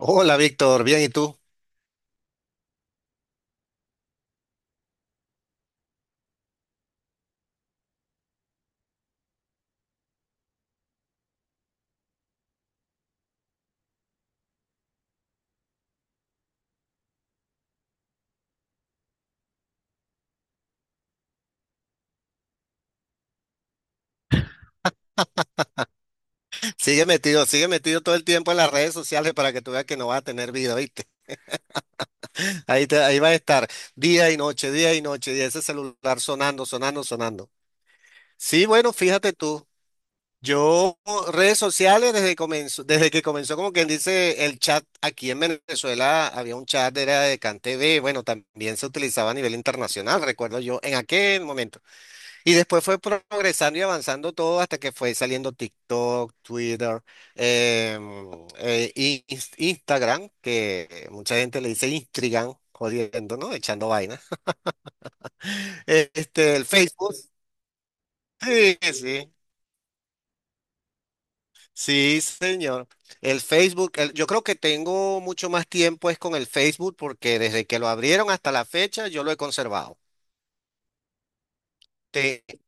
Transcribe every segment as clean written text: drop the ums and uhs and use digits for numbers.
Hola Víctor, bien, ¿y tú? Sigue metido todo el tiempo en las redes sociales para que tú veas que no vas a tener vida, ¿viste? Ahí va a estar día y noche, y ese celular sonando, sonando, sonando. Sí, bueno, fíjate tú, yo redes sociales desde que comenzó como quien dice el chat aquí en Venezuela, había un chat, era de CanTV, bueno, también se utilizaba a nivel internacional, recuerdo yo, en aquel momento. Y después fue progresando y avanzando todo hasta que fue saliendo TikTok, Twitter, em, Instagram, que mucha gente le dice Instagram, jodiendo, ¿no? Echando vainas. El Facebook. Sí, sí. Sí, señor. Yo creo que tengo mucho más tiempo es con el Facebook porque desde que lo abrieron hasta la fecha yo lo he conservado. Te-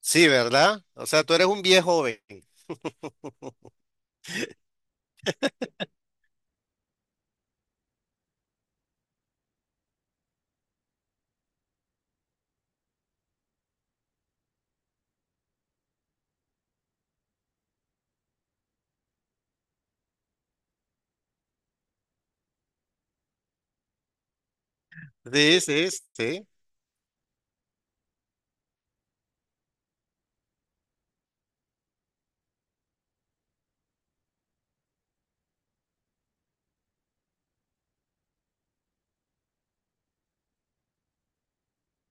sí, ¿verdad? O sea, tú eres un viejo joven. Sí, sí, sí.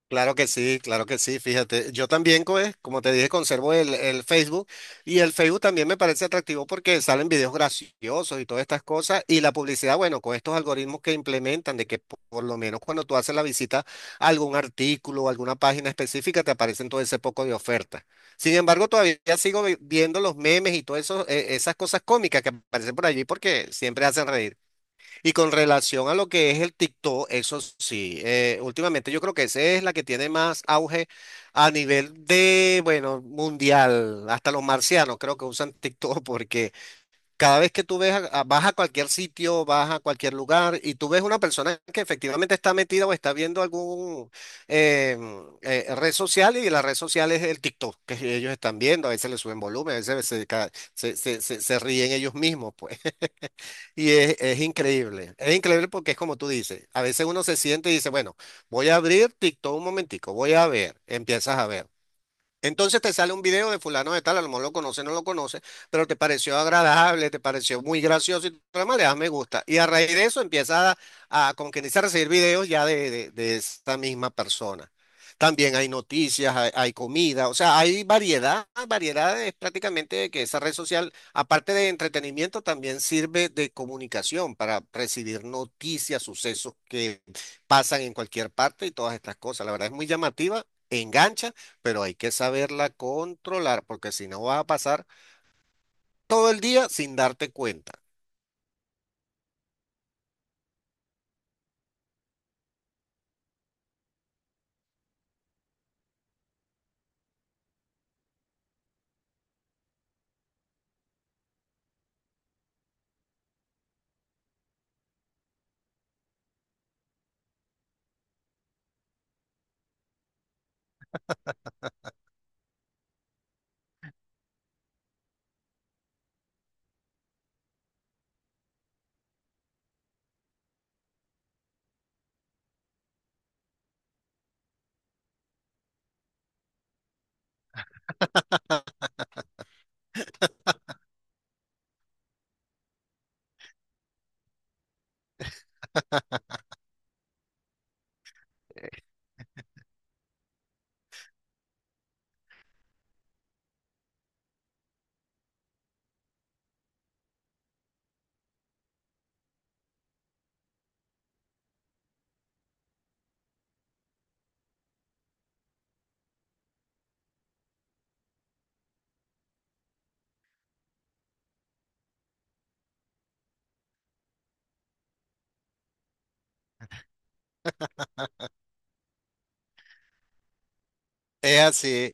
Claro que sí, claro que sí, fíjate, yo también, pues, como te dije, conservo el Facebook y el Facebook también me parece atractivo porque salen videos graciosos y todas estas cosas y la publicidad, bueno, con estos algoritmos que implementan de que por lo menos cuando tú haces la visita a algún artículo o alguna página específica te aparecen todo ese poco de ofertas. Sin embargo, todavía sigo viendo los memes y todas esas cosas cómicas que aparecen por allí porque siempre hacen reír. Y con relación a lo que es el TikTok, eso sí, últimamente yo creo que esa es la que tiene más auge a nivel de, bueno, mundial. Hasta los marcianos creo que usan TikTok porque cada vez que tú ves, vas a cualquier sitio, vas a cualquier lugar y tú ves una persona que efectivamente está metida o está viendo algún eh, red social y la red social es el TikTok que ellos están viendo. A veces le suben volumen, a veces se, ca- se, se, se se ríen ellos mismos, pues. Es increíble porque es como tú dices, a veces uno se siente y dice, bueno, voy a abrir TikTok un momentico, voy a ver, empiezas a ver. Entonces te sale un video de fulano de tal, a lo mejor lo conoce, no lo conoce, pero te pareció agradable, te pareció muy gracioso y tú además le das me gusta. Y a raíz de eso empiezas con que inicia a recibir videos ya de esta misma persona. También hay noticias, hay comida, o sea, hay variedad, variedad es prácticamente que esa red social, aparte de entretenimiento, también sirve de comunicación para recibir noticias, sucesos que pasan en cualquier parte y todas estas cosas. La verdad es muy llamativa, engancha pero hay que saberla controlar, porque si no vas a pasar todo el día sin darte cuenta. Es así,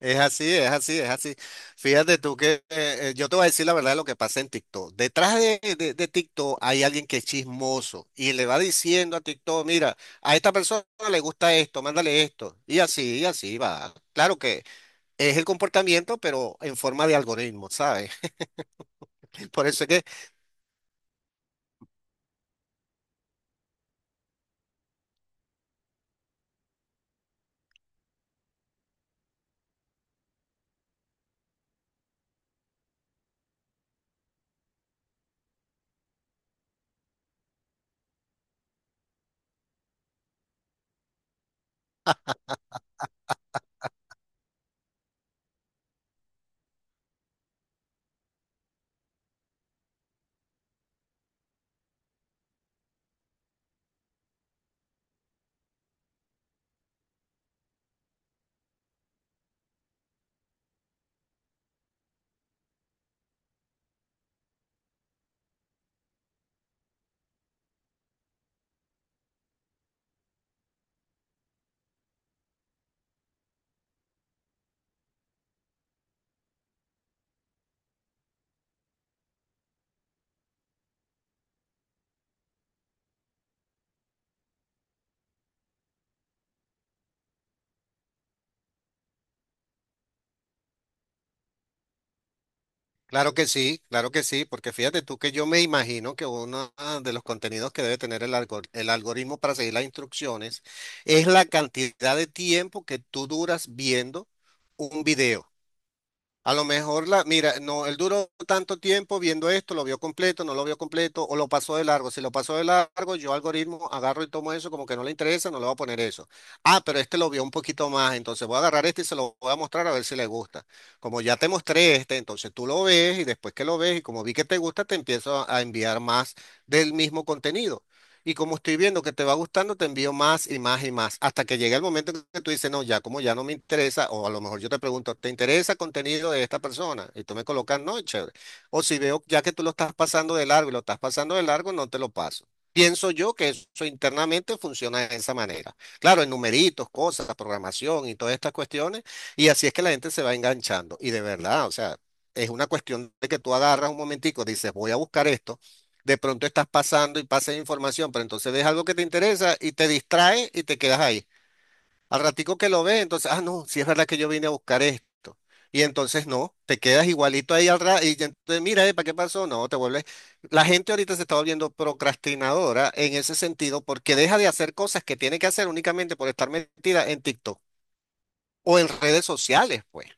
es así, es así, es así. Fíjate tú que yo te voy a decir la verdad de lo que pasa en TikTok. Detrás de TikTok hay alguien que es chismoso y le va diciendo a TikTok, mira, a esta persona le gusta esto, mándale esto. Y así va. Claro que es el comportamiento, pero en forma de algoritmo, ¿sabes? Por eso es que claro que sí, claro que sí, porque fíjate tú que yo me imagino que uno ah, de los contenidos que debe tener el algoritmo para seguir las instrucciones es la cantidad de tiempo que tú duras viendo un video. A lo mejor la, mira, no, él duró tanto tiempo viendo esto, lo vio completo, no lo vio completo, o lo pasó de largo. Si lo pasó de largo, yo algoritmo agarro y tomo eso, como que no le interesa, no le voy a poner eso. Ah, pero este lo vio un poquito más, entonces voy a agarrar este y se lo voy a mostrar a ver si le gusta. Como ya te mostré este, entonces tú lo ves y después que lo ves y como vi que te gusta, te empiezo a enviar más del mismo contenido. Y como estoy viendo que te va gustando, te envío más y más y más, hasta que llegue el momento en que tú dices, no, ya como ya no me interesa, o a lo mejor yo te pregunto, ¿te interesa contenido de esta persona? Y tú me colocas, no, chévere. O si veo ya que tú lo estás pasando de largo y lo estás pasando de largo, no te lo paso. Pienso yo que eso internamente funciona de esa manera. Claro, en numeritos, cosas, programación y todas estas cuestiones, y así es que la gente se va enganchando. Y de verdad, o sea, es una cuestión de que tú agarras un momentico, dices, voy a buscar esto de pronto estás pasando y pasas información, pero entonces ves algo que te interesa y te distrae y te quedas ahí. Al ratico que lo ves, entonces, ah, no, sí es verdad que yo vine a buscar esto. Y entonces no, te quedas igualito ahí al rato y ya entonces mira, ¿para qué pasó? No, te vuelves. La gente ahorita se está volviendo procrastinadora en ese sentido porque deja de hacer cosas que tiene que hacer únicamente por estar metida en TikTok o en redes sociales, pues.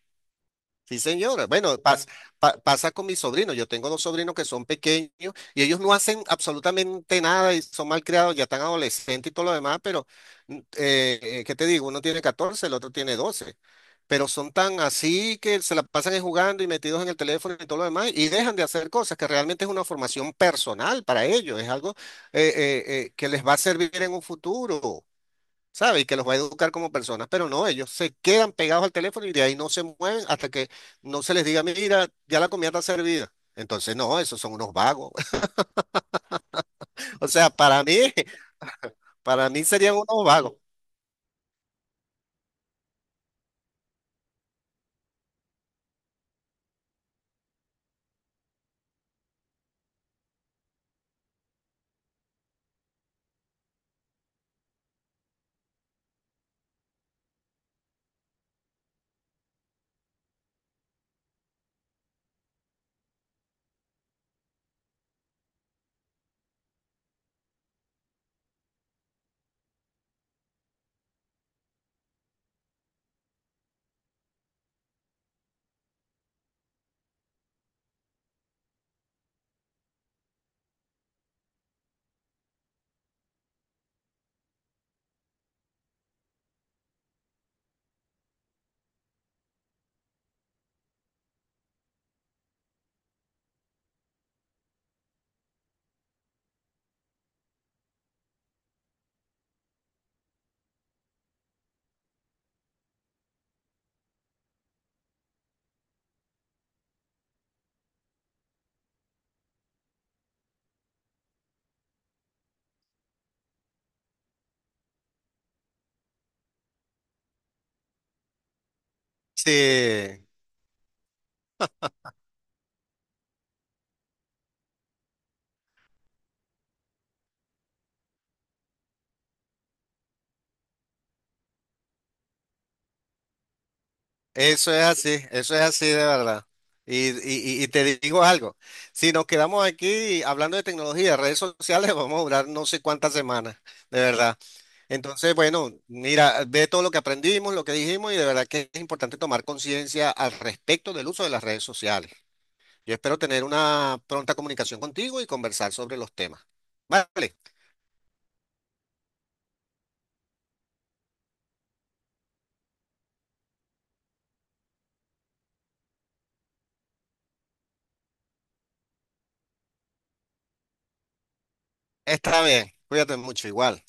Sí, señora. Bueno, pasa con mis sobrinos. Yo tengo dos sobrinos que son pequeños y ellos no hacen absolutamente nada y son mal criados, ya están adolescentes y todo lo demás, pero ¿qué te digo? Uno tiene 14, el otro tiene 12, pero son tan así que se la pasan es jugando y metidos en el teléfono y todo lo demás y dejan de hacer cosas que realmente es una formación personal para ellos, es algo que les va a servir en un futuro. ¿Sabe? Y que los va a educar como personas, pero no, ellos se quedan pegados al teléfono y de ahí no se mueven hasta que no se les diga, mira, ya la comida está servida. Entonces, no, esos son unos vagos. O sea, para mí, para mí serían unos vagos. Sí, eso es así de verdad. Y te digo algo, si nos quedamos aquí hablando de tecnología, redes sociales, vamos a durar no sé cuántas semanas, de verdad. Entonces, bueno, mira, ve todo lo que aprendimos, lo que dijimos y de verdad que es importante tomar conciencia al respecto del uso de las redes sociales. Yo espero tener una pronta comunicación contigo y conversar sobre los temas. Vale, está bien. Cuídate mucho igual.